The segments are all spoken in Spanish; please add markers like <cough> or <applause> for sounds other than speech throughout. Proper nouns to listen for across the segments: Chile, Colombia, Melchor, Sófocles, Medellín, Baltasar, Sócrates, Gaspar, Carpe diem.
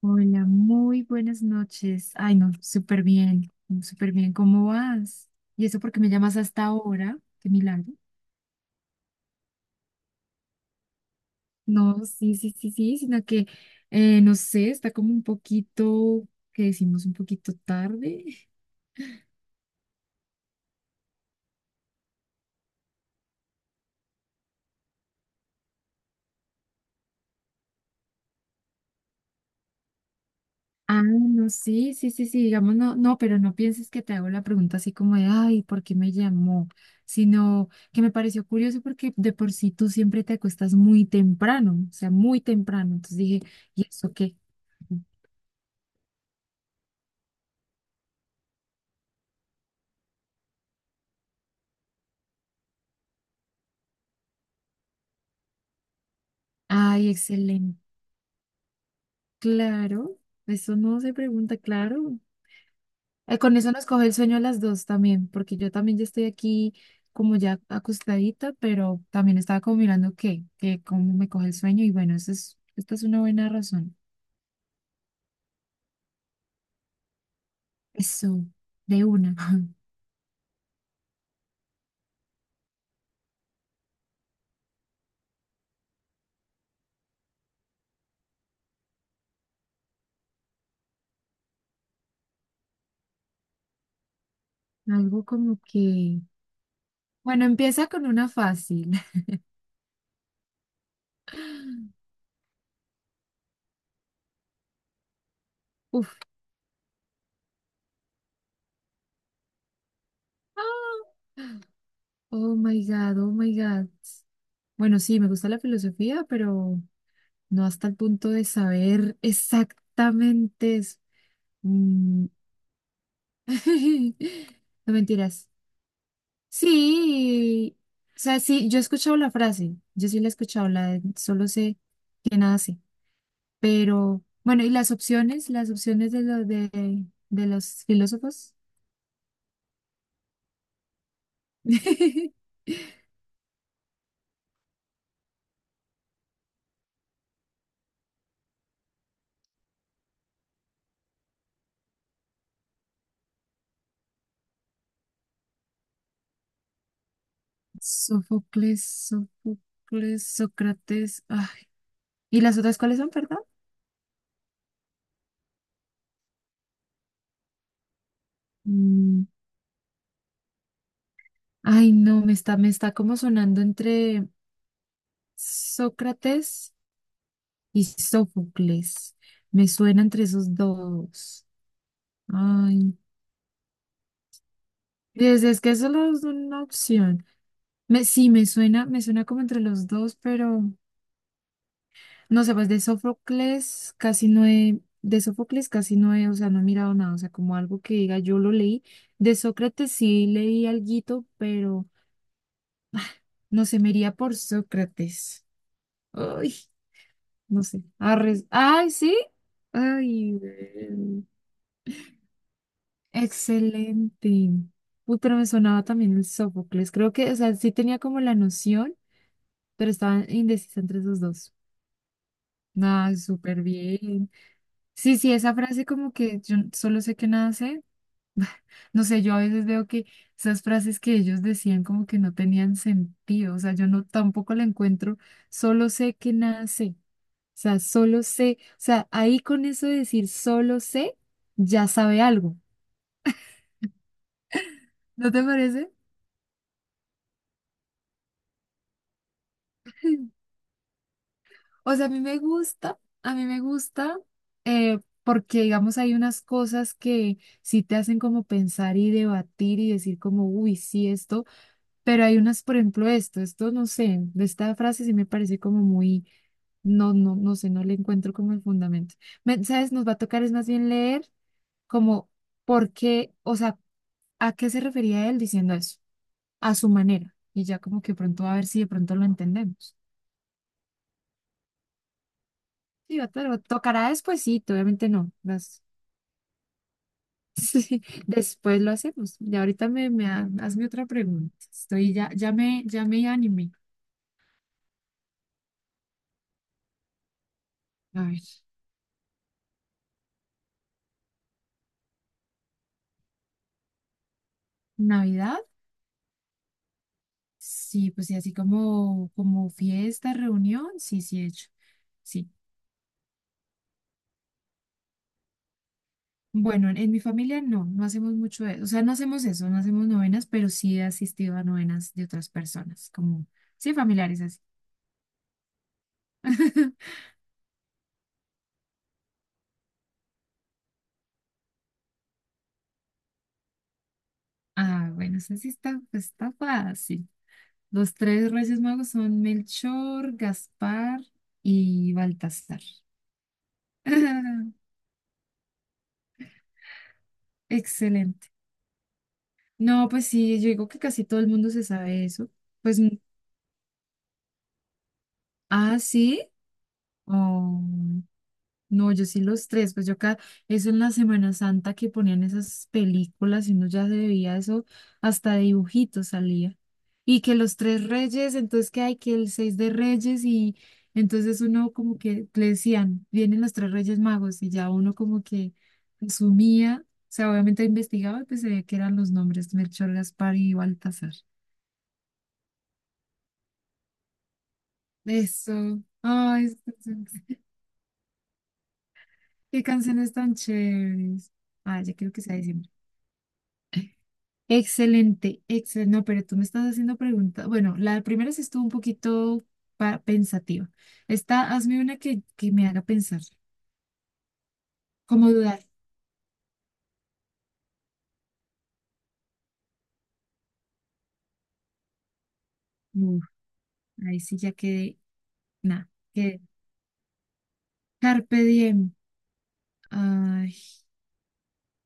Hola, muy buenas noches. Ay, no, súper bien, súper bien. ¿Cómo vas? ¿Y eso porque me llamas hasta ahora? Qué milagro. No, sí, sí, sí, sí, sino que, no sé, está como un poquito, que decimos un poquito tarde. Ah, no, sí, sí, sí, sí, digamos, no, no, pero no pienses que te hago la pregunta así como de, ay, ¿por qué me llamó? Sino que me pareció curioso porque de por sí tú siempre te acuestas muy temprano, o sea, muy temprano. Entonces dije, ¿y eso qué? Ay, excelente. Claro, eso no se pregunta, claro. Con eso nos coge el sueño a las dos también, porque yo también ya estoy aquí como ya acostadita, pero también estaba como mirando qué, que cómo me coge el sueño y bueno, eso es, esta es una buena razón. Eso, de una. <laughs> Algo como que, bueno, empieza con una fácil. <laughs> Uf. Ah. Oh my God, oh my God. Bueno, sí, me gusta la filosofía, pero no hasta el punto de saber exactamente. Mm, <laughs> No mentiras. Sí, o sea, sí, yo he escuchado la frase, yo sí la he escuchado, la de solo sé que nada sé, pero bueno, y las opciones de los filósofos. <laughs> Sófocles, Sófocles, Sócrates. Ay. ¿Y las otras cuáles son, perdón? Mm, Ay, no, me está como sonando entre. Sócrates y Sófocles. Me suena entre esos dos. Ay, pues es que solo es una opción. Sí, me suena como entre los dos, pero no sé, pues de Sófocles casi no he, o sea, no he mirado nada, o sea, como algo que diga, yo lo leí. De Sócrates sí leí alguito, pero no sé, me iría por Sócrates. Ay, no sé. Arres, ay, sí. Ay, excelente. Uy, pero me sonaba también el Sófocles. Creo que, o sea, sí tenía como la noción, pero estaba indecisa entre esos dos. Ah, súper bien. Sí, sí, esa frase como que yo solo sé que nada sé. <laughs> No sé, yo a veces veo que esas frases que ellos decían como que no tenían sentido. O sea, yo no tampoco la encuentro. Solo sé que nada sé. O sea, solo sé. O sea, ahí con eso de decir solo sé, ya sabe algo. ¿No te parece? <laughs> O sea, a mí me gusta, a mí me gusta, porque digamos hay unas cosas que sí te hacen como pensar y debatir y decir como, uy, sí, esto, pero hay unas, por ejemplo, esto no sé, de esta frase sí me parece como muy, no, no, no sé, no le encuentro como el fundamento. ¿Sabes? Nos va a tocar es más bien leer como por qué, o sea, ¿a qué se refería él diciendo eso? A su manera. Y ya como que pronto va a ver si de pronto lo entendemos. Sí, claro, tocará despuesito, obviamente no. <laughs> Sí, después lo hacemos. Y ahorita hazme otra pregunta. Estoy ya, ya me, Ya me animé. A ver, Navidad, sí, pues sí, así como, como fiesta, reunión, sí, sí he hecho. Sí. Bueno, en mi familia no, no hacemos mucho eso. O sea, no hacemos eso, no hacemos novenas, pero sí he asistido a novenas de otras personas, como, sí, familiares así. <laughs> Ah, bueno, eso sí está, pues, está fácil. Los tres Reyes Magos son Melchor, Gaspar y Baltasar. <laughs> Excelente. No, pues sí, yo digo que casi todo el mundo se sabe eso. Pues, mm, ah, sí. Oh. No, yo sí los tres, pues yo acá, eso en la Semana Santa que ponían esas películas y uno ya se veía eso, hasta de dibujitos salía. Y que los tres reyes, entonces que hay que el 6 de reyes y entonces uno como que le decían, vienen los tres reyes magos y ya uno como que asumía, o sea, obviamente investigaba, y pues se veía que eran los nombres Melchor, Gaspar y Baltasar. Eso, ay, qué canciones tan chéveres. Ay, ya creo que se ha. Excelente, excelente. No, pero tú me estás haciendo preguntas. Bueno, la primera sí estuvo un poquito pensativa. Esta, hazme una que me haga pensar, como dudar. Uf, ahí sí ya quedé, nada, quedé. Carpe diem. Ay,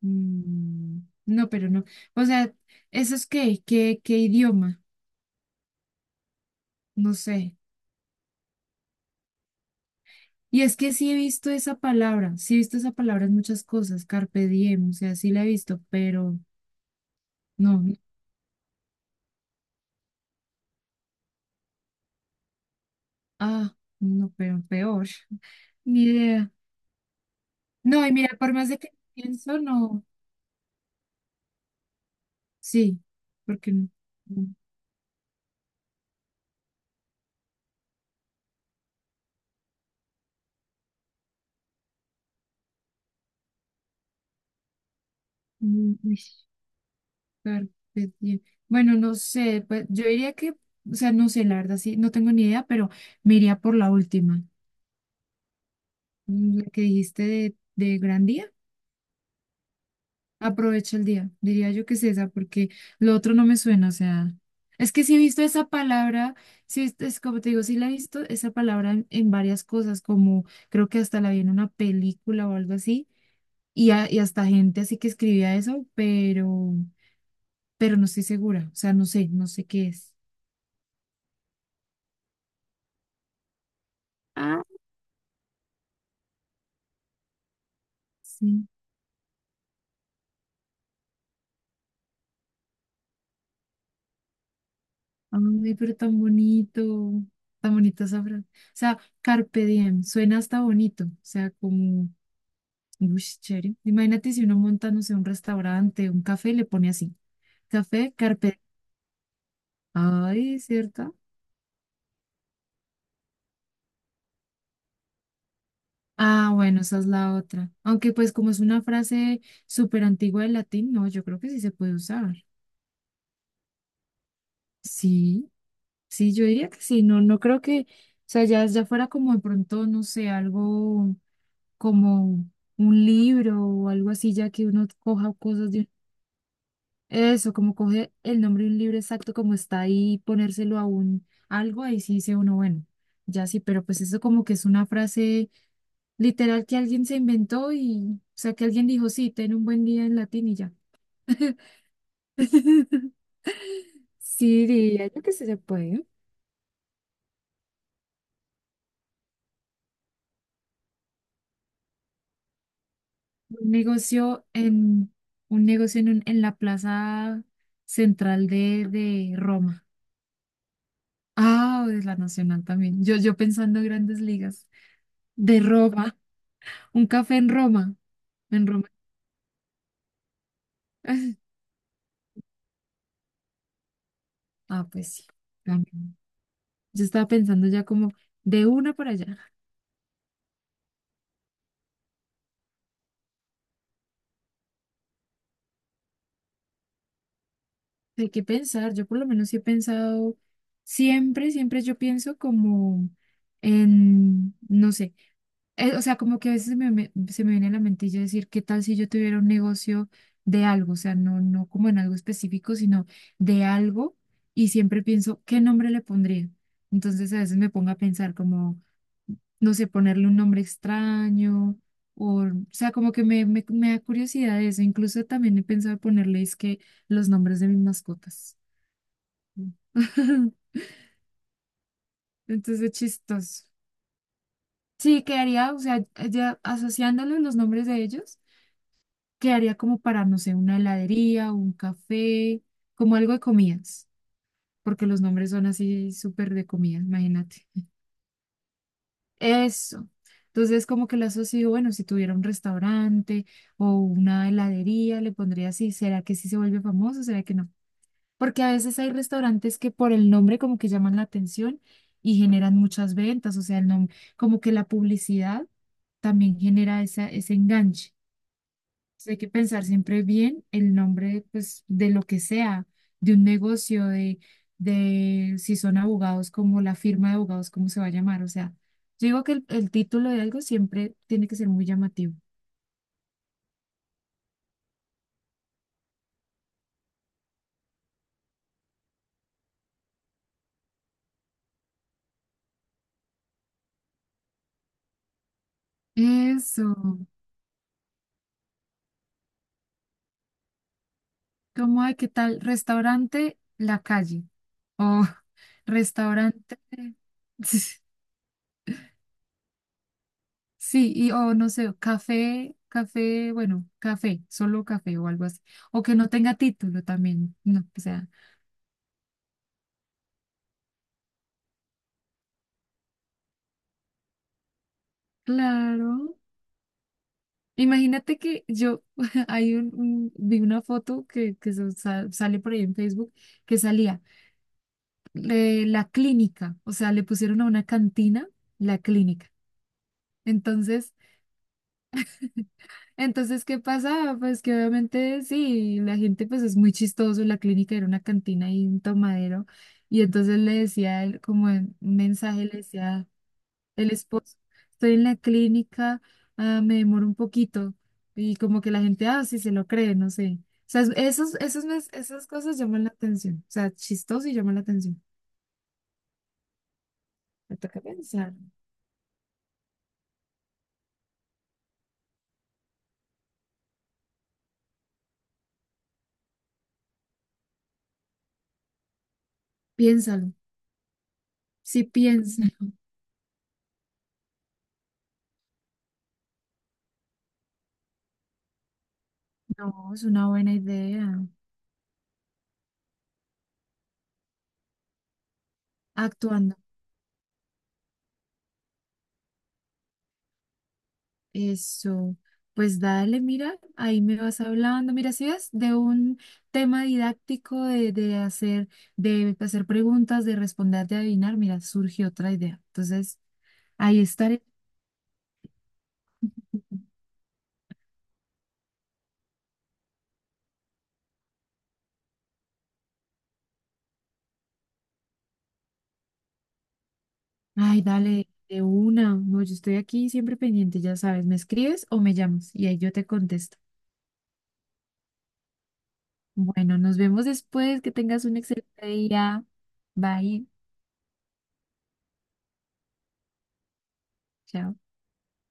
mm, no, pero no. O sea, ¿eso es qué? ¿Qué, qué idioma? No sé. Y es que sí he visto esa palabra, sí he visto esa palabra en muchas cosas, carpe diem, o sea, sí la he visto, pero no. Ah, no, pero peor. <laughs> Ni idea. No, y mira, por más de que pienso, no. Sí, porque no. No, uy, carpe diem. Bueno, no sé, pues yo diría que, o sea, no sé, la verdad, sí, no tengo ni idea, pero me iría por la última, la que dijiste de Gran Día. Aprovecha el día, diría yo que es esa, porque lo otro no me suena, o sea, es que sí he visto esa palabra, sí, es como te digo, sí la he visto esa palabra en varias cosas, como creo que hasta la vi en una película o algo así, y, y hasta gente así que escribía eso, pero no estoy segura, o sea, no sé, no sé qué es. Ah, sí, ay, pero tan bonito, tan bonita esa frase. O sea, carpe diem, suena hasta bonito, o sea, como uy, sí, chévere. Imagínate si uno monta, no sé, un restaurante, un café y le pone así. Café, carpeta. Ay, ¿cierto? Ah, bueno, esa es la otra. Aunque pues como es una frase súper antigua del latín, no, yo creo que sí se puede usar. Sí, sí, yo diría que sí. No, no creo que, o sea, ya, ya fuera como de pronto, no sé, algo como un libro o algo así, ya que uno coja cosas de... Eso, como coge el nombre de un libro exacto como está ahí, y ponérselo a un algo, ahí sí dice uno, bueno, ya sí, pero pues eso como que es una frase literal que alguien se inventó y, o sea, que alguien dijo, sí, ten un buen día en latín y ya. <laughs> Sí, diría yo que sí se puede. Un negocio en, en la plaza central de Roma. Ah, o de la Nacional también. Yo pensando en grandes ligas. De Roma, un café en Roma. En Roma. Ah, pues sí, también. Yo estaba pensando ya como de una para allá. Hay que pensar, yo por lo menos sí he pensado, siempre, siempre yo pienso como en, no sé, o sea, como que a veces se me viene a la mentilla decir, ¿qué tal si yo tuviera un negocio de algo? O sea, no, no como en algo específico, sino de algo. Y siempre pienso, ¿qué nombre le pondría? Entonces a veces me pongo a pensar como... no sé, ponerle un nombre extraño, o sea, como que me da curiosidad eso. Incluso también he pensado ponerle, es que los nombres de mis mascotas. Mm. <laughs> Entonces, es chistoso. Sí, quedaría, o sea, ya asociándolo los nombres de ellos, quedaría como para, no sé, una heladería, un café, como algo de comidas, porque los nombres son así súper de comidas, imagínate. Eso. Entonces, como que lo asocio, bueno, si tuviera un restaurante o una heladería, le pondría así, ¿será que sí se vuelve famoso? ¿Será que no? Porque a veces hay restaurantes que por el nombre como que llaman la atención y generan muchas ventas, o sea, el nombre, como que la publicidad también genera esa, ese enganche. Entonces, hay que pensar siempre bien el nombre, pues, de lo que sea, de un negocio, de si son abogados, como la firma de abogados, cómo se va a llamar. O sea, yo digo que el título de algo siempre tiene que ser muy llamativo. Eso, ¿cómo hay? ¿Qué tal? Restaurante La Calle o <laughs> restaurante, <laughs> sí, y o no sé, café, café, bueno, café, solo café o algo así. O que no tenga título también, no, o sea. Claro. Imagínate que yo <laughs> hay vi una foto que sale por ahí en Facebook que salía la clínica, o sea, le pusieron a una cantina la clínica. Entonces, ¿qué pasa? Pues que obviamente sí, la gente pues es muy chistoso, la clínica era una cantina y un tomadero. Y entonces le decía él, como en un mensaje, le decía el esposo. Estoy en la clínica, ah, me demoro un poquito. Y como que la gente, ah, sí, se lo cree, no sé. O sea, esas cosas llaman la atención. O sea, chistoso y llaman la atención. Me toca pensar. Piénsalo. Sí, piensa. <laughs> No, es una buena idea. Actuando. Eso. Pues dale, mira, ahí me vas hablando. Mira, si ves de un tema didáctico de hacer preguntas, de responder, de adivinar, mira, surge otra idea. Entonces, ahí estaré. Ay, dale, de una. No, yo estoy aquí siempre pendiente, ya sabes, me escribes o me llamas y ahí yo te contesto. Bueno, nos vemos después. Que tengas un excelente día. Bye. Chao.